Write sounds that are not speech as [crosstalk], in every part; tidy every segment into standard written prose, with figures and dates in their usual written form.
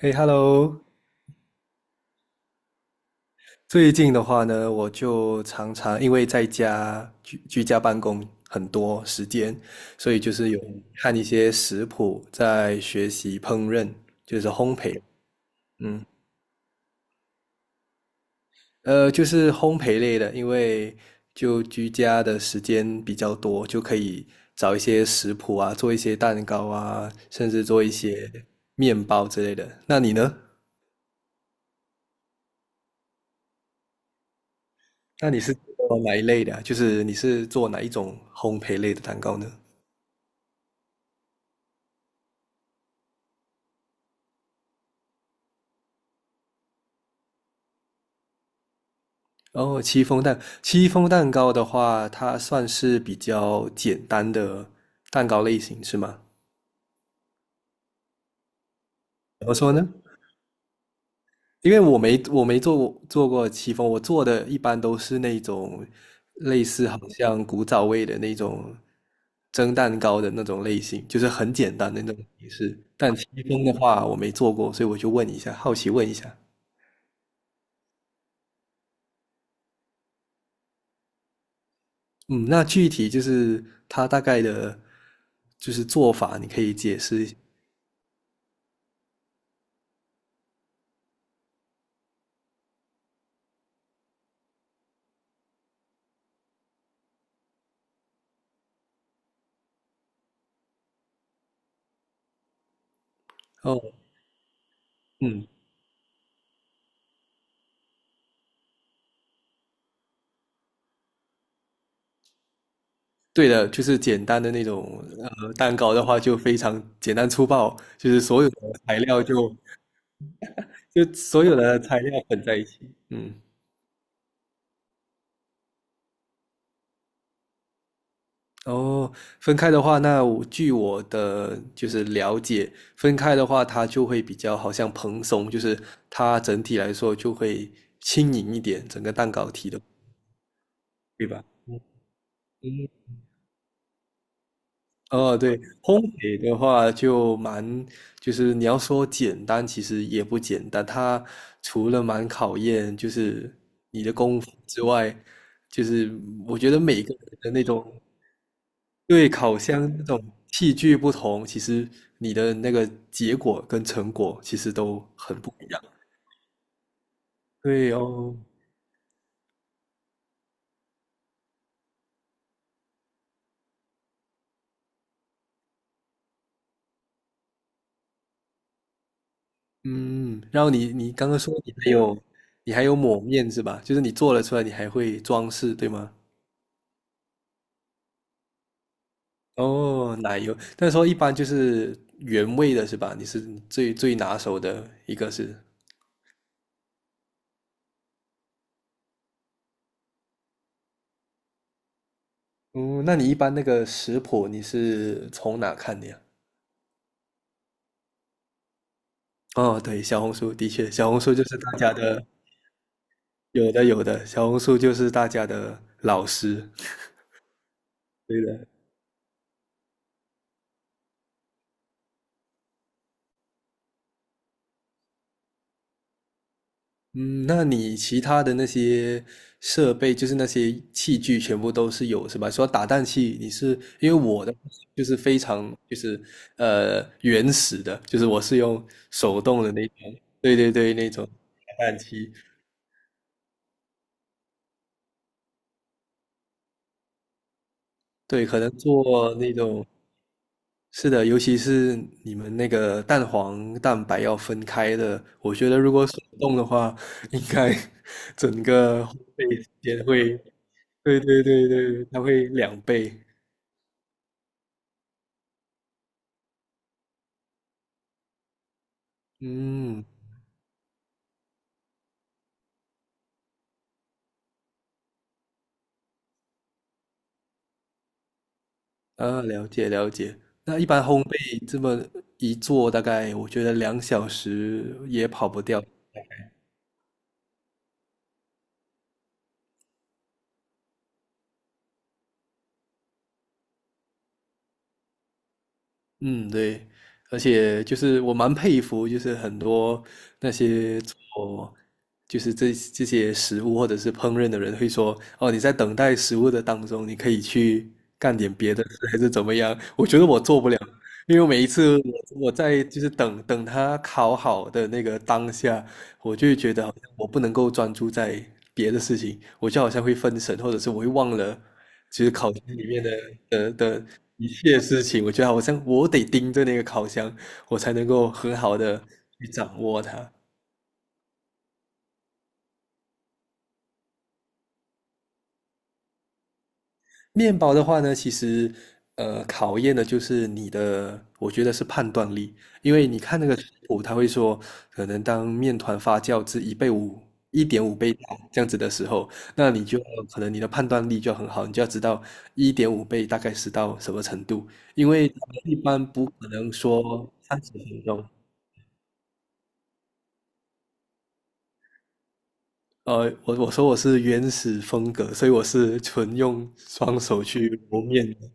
嘿，Hello！最近的话呢，我就常常因为在居家办公很多时间，所以就是有看一些食谱，在学习烹饪，就是烘焙。嗯，就是烘焙类的，因为就居家的时间比较多，就可以找一些食谱啊，做一些蛋糕啊，甚至做一些面包之类的。那你呢？那你是做哪一类的啊，就是你是做哪一种烘焙类的蛋糕呢？哦，戚风蛋糕的话，它算是比较简单的蛋糕类型，是吗？怎么说呢？因为我没做过戚风，我做的一般都是那种类似好像古早味的那种蒸蛋糕的那种类型，就是很简单的那种形式。但戚风的话，我没做过，所以我就问一下，好奇问一下。嗯，那具体就是它大概的，就是做法，你可以解释一下哦。嗯，对的，就是简单的那种蛋糕的话，就非常简单粗暴，就是所有的材料就所有的材料混在一起。嗯，哦，分开的话，那我据我的就是了解，分开的话它就会比较好像蓬松，就是它整体来说就会轻盈一点，整个蛋糕体的，对吧？嗯。哦，对，烘焙的话就蛮，就是你要说简单，其实也不简单。它除了蛮考验就是你的功夫之外，就是我觉得每个人的那种对烤箱那种器具不同，其实你的那个结果跟成果其实都很不一样。对哦，嗯，然后你刚刚说你还有抹面是吧？就是你做了出来，你还会装饰，对吗？哦，奶油，那时候一般就是原味的是吧？你是最拿手的一个是，嗯，那你一般那个食谱你是从哪看的呀？哦，对，小红书的确，小红书就是大家的，有的有的，小红书就是大家的老师，对的。嗯，那你其他的那些设备，就是那些器具，全部都是有是吧？说打蛋器，你是因为我的就是非常就是原始的，就是我是用手动的那种，对对对，那种打蛋器，对，可能做那种是的，尤其是你们那个蛋黄蛋白要分开的，我觉得如果手动的话，应该 [laughs] 整个烘焙时间会对对对对，它会2倍。嗯，啊，了解了解。那一般烘焙这么一做，大概我觉得2小时也跑不掉。嗯，对，而且就是我蛮佩服，就是很多那些做就是这些食物或者是烹饪的人会说，哦，你在等待食物的当中，你可以去干点别的事，还是怎么样？我觉得因为我每一次我在就是等他烤好的那个当下，我就会觉得好像我不能够专注在别的事情，我就好像会分神，或者是我会忘了，其实烤箱里面的一切事情，我觉得好像我得盯着那个烤箱，我才能够很好的去掌握它。面包的话呢，其实考验的就是你的，我觉得是判断力，因为你看那个食谱，他会说，可能当面团发酵至一点五倍大这样子的时候，那你就可能你的判断力就要很好，你就要知道一点五倍大概是到什么程度，因为他们一般不可能说三十分钟。我说我是原始风格，所以我是纯用双手去揉面的，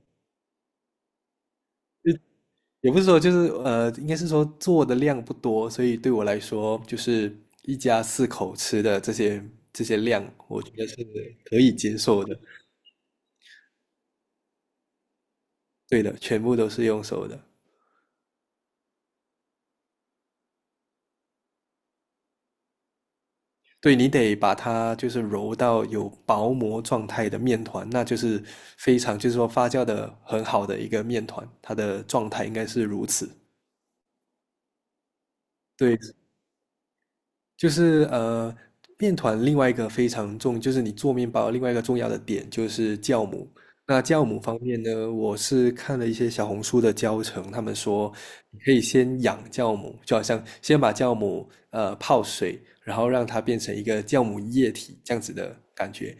也不是说就是应该是说做的量不多，所以对我来说，就是一家四口吃的这些量，我觉得是可以接受的。对的，全部都是用手的。对，你得把它就是揉到有薄膜状态的面团，那就是非常就是说发酵的很好的一个面团，它的状态应该是如此。对，就是面团另外一个非常重，就是你做面包另外一个重要的点就是酵母。那酵母方面呢，我是看了一些小红书的教程，他们说你可以先养酵母，就好像先把酵母泡水，然后让它变成一个酵母液体这样子的感觉。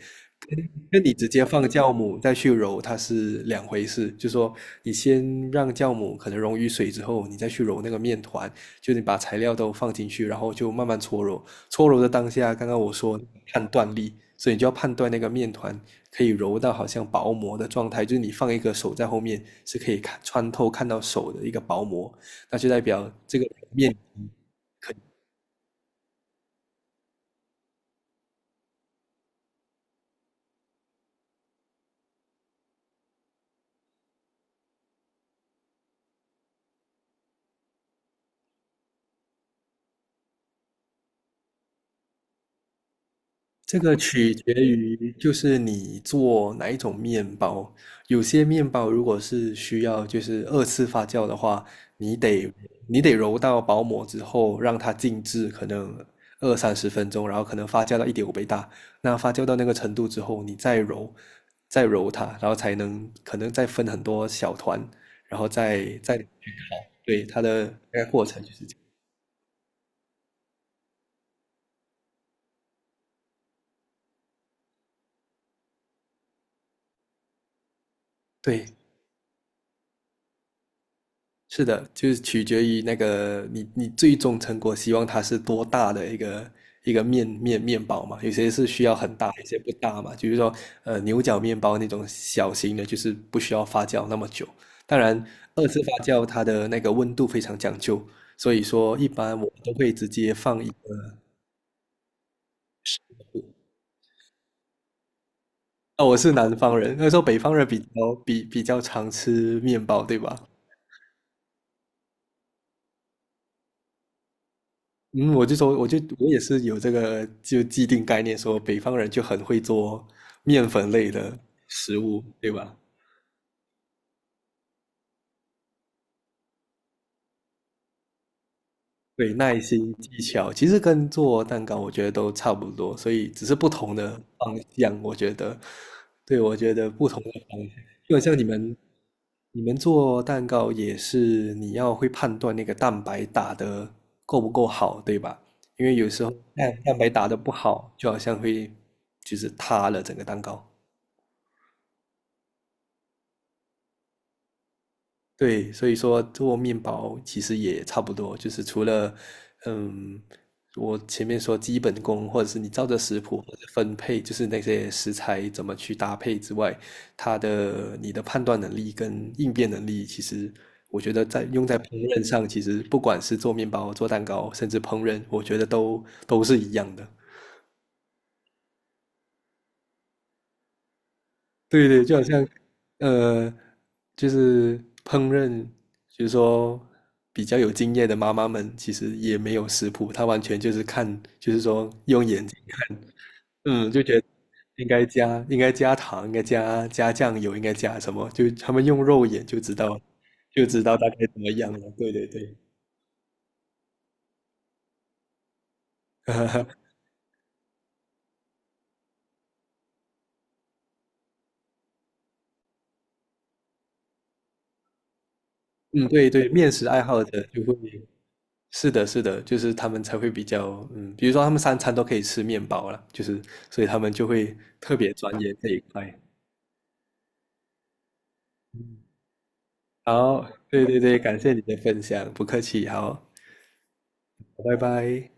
那你直接放酵母再去揉，它是两回事。就说你先让酵母可能溶于水之后，你再去揉那个面团，就是你把材料都放进去，然后就慢慢搓揉。搓揉的当下，刚刚我说判断力，所以你就要判断那个面团可以揉到好像薄膜的状态，就是你放一个手在后面是可以看穿透看到手的一个薄膜，那就代表这个面。这个取决于就是你做哪一种面包，有些面包如果是需要就是二次发酵的话，你得你得揉到薄膜之后让它静置，可能二三十分钟，然后可能发酵到一点五倍大，那发酵到那个程度之后，你再揉，再揉它，然后才能可能再分很多小团，然后再对它的大概过程就是这样，对。是的，就是取决于那个你最终成果希望它是多大的一个面包嘛，有些是需要很大，有些不大嘛。就是说，牛角面包那种小型的，就是不需要发酵那么久。当然，二次发酵它的那个温度非常讲究，所以说一般我都会直接放一。哦，我是南方人，那时候北方人比较常吃面包，对吧？嗯，我就说，我也是有这个就既定概念，说北方人就很会做面粉类的食物，对吧？对，耐心、技巧，其实跟做蛋糕我觉得都差不多，所以只是不同的方向，我觉得，对，我觉得不同的方向，就很像你们做蛋糕也是你要会判断那个蛋白打的够不够好，对吧？因为有时候蛋白打的不好，就好像会就是塌了整个蛋糕。对，所以说做面包其实也差不多，就是除了，嗯，我前面说基本功，或者是你照着食谱或者分配，就是那些食材怎么去搭配之外，你的判断能力跟应变能力，其实我觉得在用在烹饪上，其实不管是做面包、做蛋糕，甚至烹饪，我觉得都是一样的。对对，就好像呃，就是烹饪，就是说比较有经验的妈妈们，其实也没有食谱，她完全就是看，就是说用眼睛，嗯，就觉得应该加糖，应该加酱油，应该加什么，就他们用肉眼就知道，就知道大概怎么样了。对对对，嗯，对对，面食爱好者就会。是的，是的，就是他们才会比较，嗯，比如说他们三餐都可以吃面包了，就是所以他们就会特别钻研这一块。好，对对对，感谢你的分享，不客气，好，拜拜。